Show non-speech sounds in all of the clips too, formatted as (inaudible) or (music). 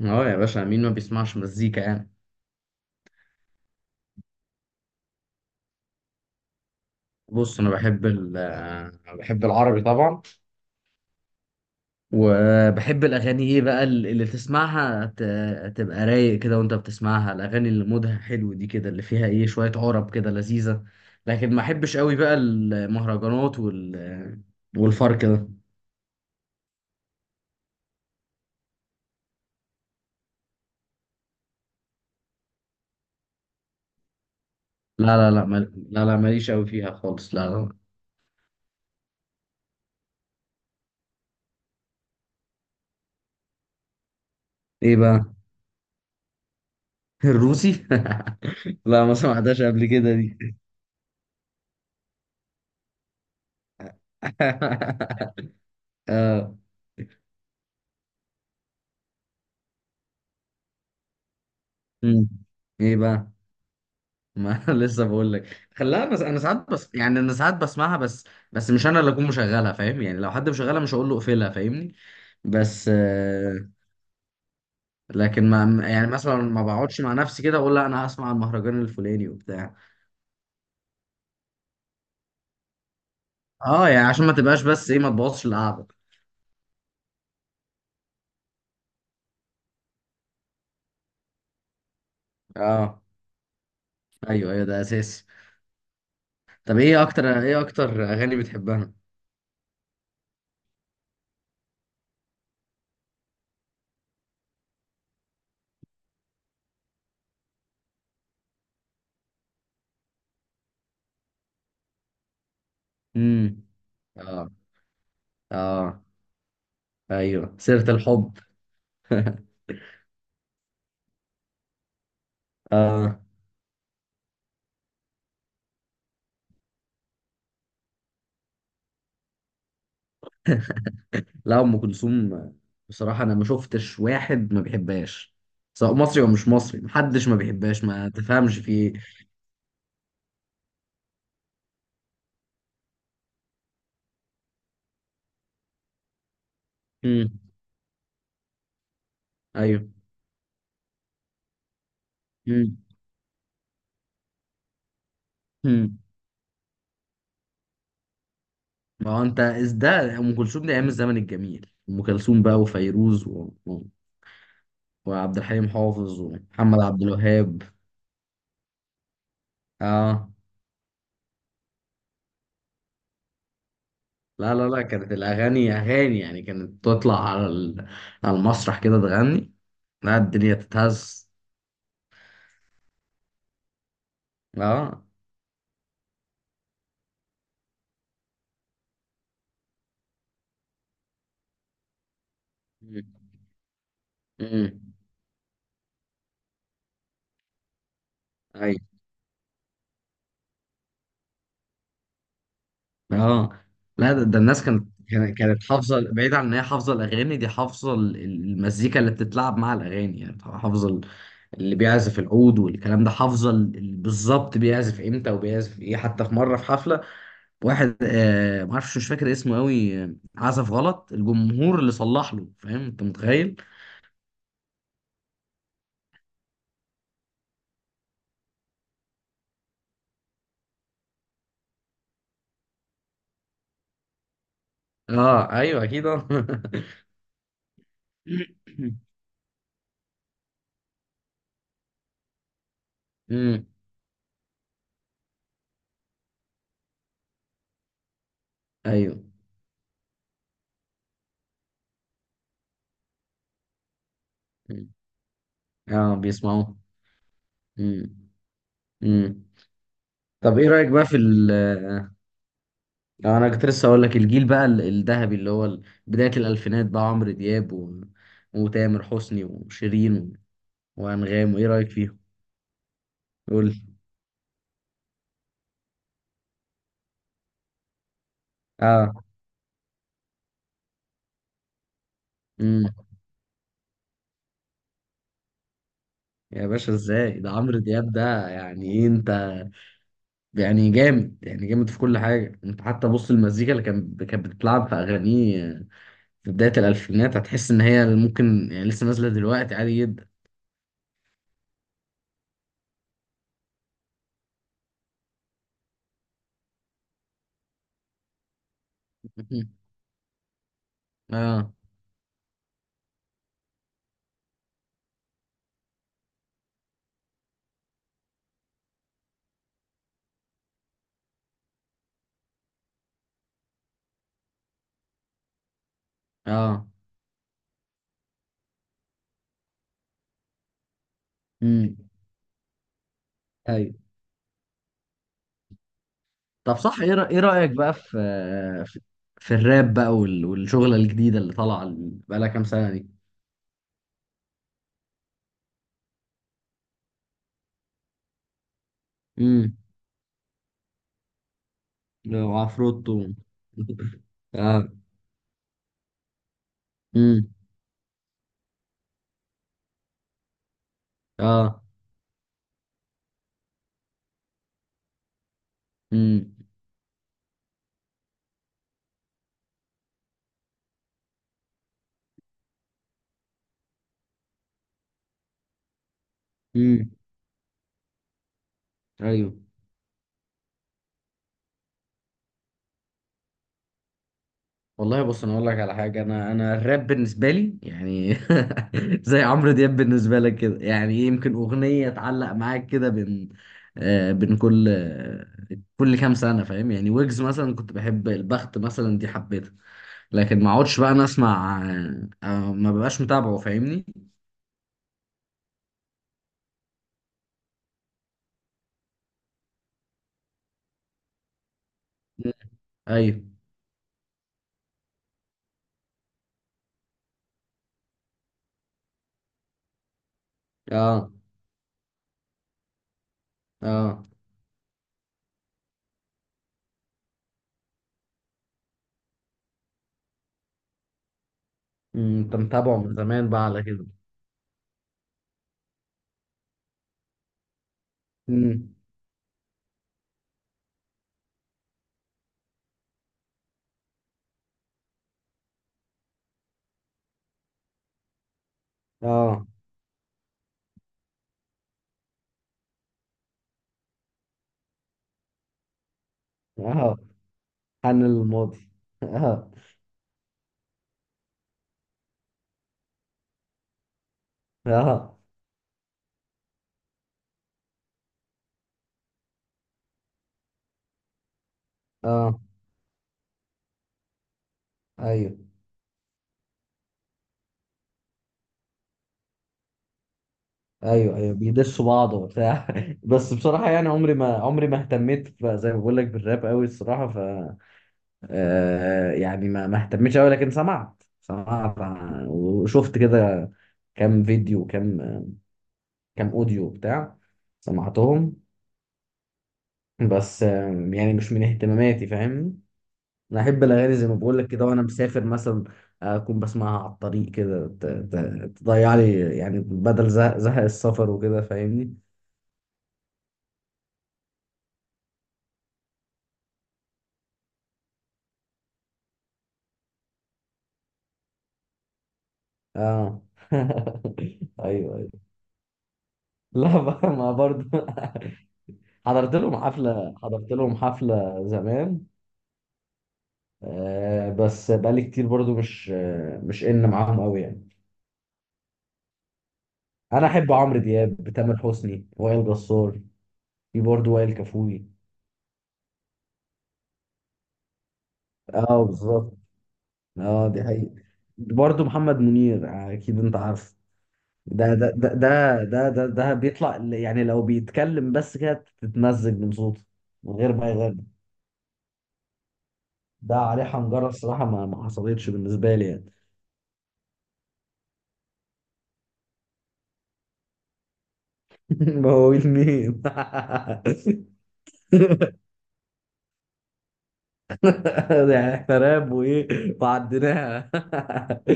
اه، يا باشا، مين ما بيسمعش مزيكا يعني؟ بص، انا بحب ال آه، بحب العربي طبعا. وبحب الاغاني ايه بقى اللي تسمعها تبقى رايق كده وانت بتسمعها، الاغاني اللي مودها حلو دي كده، اللي فيها ايه، شوية عرب كده لذيذة. لكن ما احبش قوي بقى المهرجانات والفرق ده. لا، لا، لا، لا، لا، ماليش قوي فيها خالص، لا، لا. ايه بقى؟ (laughs) الروسي (laughs) لا، ما سمعتهاش قبل كده دي. (laughs) آه. مم. ايه بقى؟ ما (laughs) لسه بقول لك، خلاها بس. انا ساعات، بس يعني انا ساعات بسمعها بس. بس مش انا اللي اكون مشغلها، فاهم؟ يعني لو حد مشغلها، مش هقول له اقفلها، فاهمني؟ بس. لكن ما يعني مثلا ما بقعدش مع نفسي كده اقول لا، انا هسمع المهرجان الفلاني وبتاع. اه، يعني عشان ما تبقاش، بس ايه، ما تبوظش القعده. اه، ايوه، ايوه، ده اساسي. طب ايه اكتر اغاني بتحبها؟ امم. اه. اه. ايوه، سيرة الحب. (laughs) اه. لا، ام كلثوم. بصراحه انا ما شفتش واحد ما بيحبهاش، سواء مصري او مش مصري، محدش ما بيحبهاش، ما تفهمش في ايه. مم. ايوه. مم. مم. ما هو انت إز ده، ام كلثوم دي ايام الزمن الجميل، ام كلثوم بقى، وفيروز وعبد الحليم حافظ، ومحمد عبد الوهاب. اه. لا، لا، لا، كانت الاغاني اغاني يعني، كانت تطلع على على المسرح كده تغني. لا، الدنيا تتهز. اه. مم. مم. ايوه. اه. لا، ده الناس كانت حافظه، بعيد عن ان هي حافظه الاغاني دي، حافظه المزيكا اللي بتتلعب مع الاغاني، يعني حافظه اللي بيعزف العود والكلام ده، حافظه بالظبط بيعزف امتى وبيعزف ايه. حتى في مره، في حفله، واحد ما اعرفش، مش فاكر اسمه قوي، عزف غلط، الجمهور اللي صلح له، فاهم انت؟ متخيل؟ اه، ايوه، اكيد، آه. (laughs) امم. ايوه. مم. اه، بيسمعوه. امم. امم. طب ايه رايك بقى في اه، انا كنت لسه اقول لك الجيل بقى الذهبي، اللي هو بداية الالفينات، ده عمرو دياب وتامر حسني وشيرين وانغام، وايه رايك فيهم؟ قول لي. اه. امم. يا باشا، ازاي؟ ده عمرو دياب ده، يعني ايه انت؟ يعني جامد، يعني جامد في كل حاجة. انت حتى بص، المزيكا اللي كانت بتتلعب في اغانيه في بداية الالفينات، هتحس ان هي ممكن يعني لسه نازلة دلوقتي عادي جدا. (laughs) اه. اه. امم. طب صح، ايه رأ- إيه رأيك بقى في, في الراب بقى، والشغلة الجديدة اللي طالعة، بقالها كام سنة دي. امم. وعفروتو. (laughs) اه. امم. اه. امم. امم. ايوه. والله، بص، انا اقول لك على حاجه، انا الراب بالنسبه لي يعني (laughs) زي عمرو دياب بالنسبه لك كده، يعني إيه، يمكن اغنيه تعلق معاك كده بين بين كل كام سنه، فاهم يعني؟ ويجز مثلا كنت بحب البخت مثلا، دي حبيتها. لكن ما اقعدش بقى انا اسمع ما ببقاش متابعه، فاهمني؟ مم. ايوه. اه. اه. أمم، انت متابعه من زمان بقى على كده. أمم،. اه. اه. عن الماضي. اه. اه. اه. ايوه، ايوه، ايوه، بيدسوا بعض وبتاع (laughs) بس بصراحه يعني، عمري ما اهتميت زي ما بقول لك بالراب قوي الصراحه. يعني ما اهتمتش قوي، لكن سمعت، وشفت كده كام فيديو، كان اوديو بتاع، سمعتهم. بس يعني مش من اهتماماتي، فاهم؟ انا احب الاغاني زي ما بقول لك كده، وانا مسافر مثلا اكون بسمعها على الطريق كده تضيع لي يعني، بدل زهق السفر وكده، فاهمني؟ اه. (laughs) ايوه، ايوه. لا (laughs) بقى، ما برضه. (laughs) حضرت لهم حفله زمان. بس بقالي كتير برضو، مش ان معاهم قوي يعني. انا احب عمرو دياب، تامر حسني، وائل جسار. في برضه وائل كفوري. اه، بالظبط. اه، دي حقيقة. برضه محمد منير، اكيد انت عارف. ده بيطلع، يعني لو بيتكلم بس كده تتمزج من صوته، من غير ما يغني. ده عليه حنجرة، الصراحة ما حصلتش بالنسبة لي يعني. (laughs) مواويل مين؟ (laughs) يعني احنا راب وايه وعديناها. (laughs)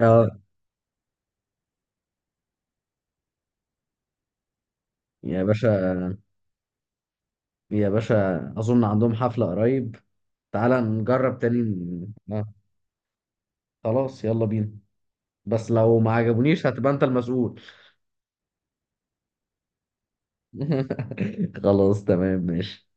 اه يا باشا، يا باشا، اظن عندهم حفلة قريب. تعالى نجرب تاني. خلاص، يلا بينا. بس لو ما عجبونيش، هتبقى انت المسؤول. (laughs) خلاص، تمام، ماشي.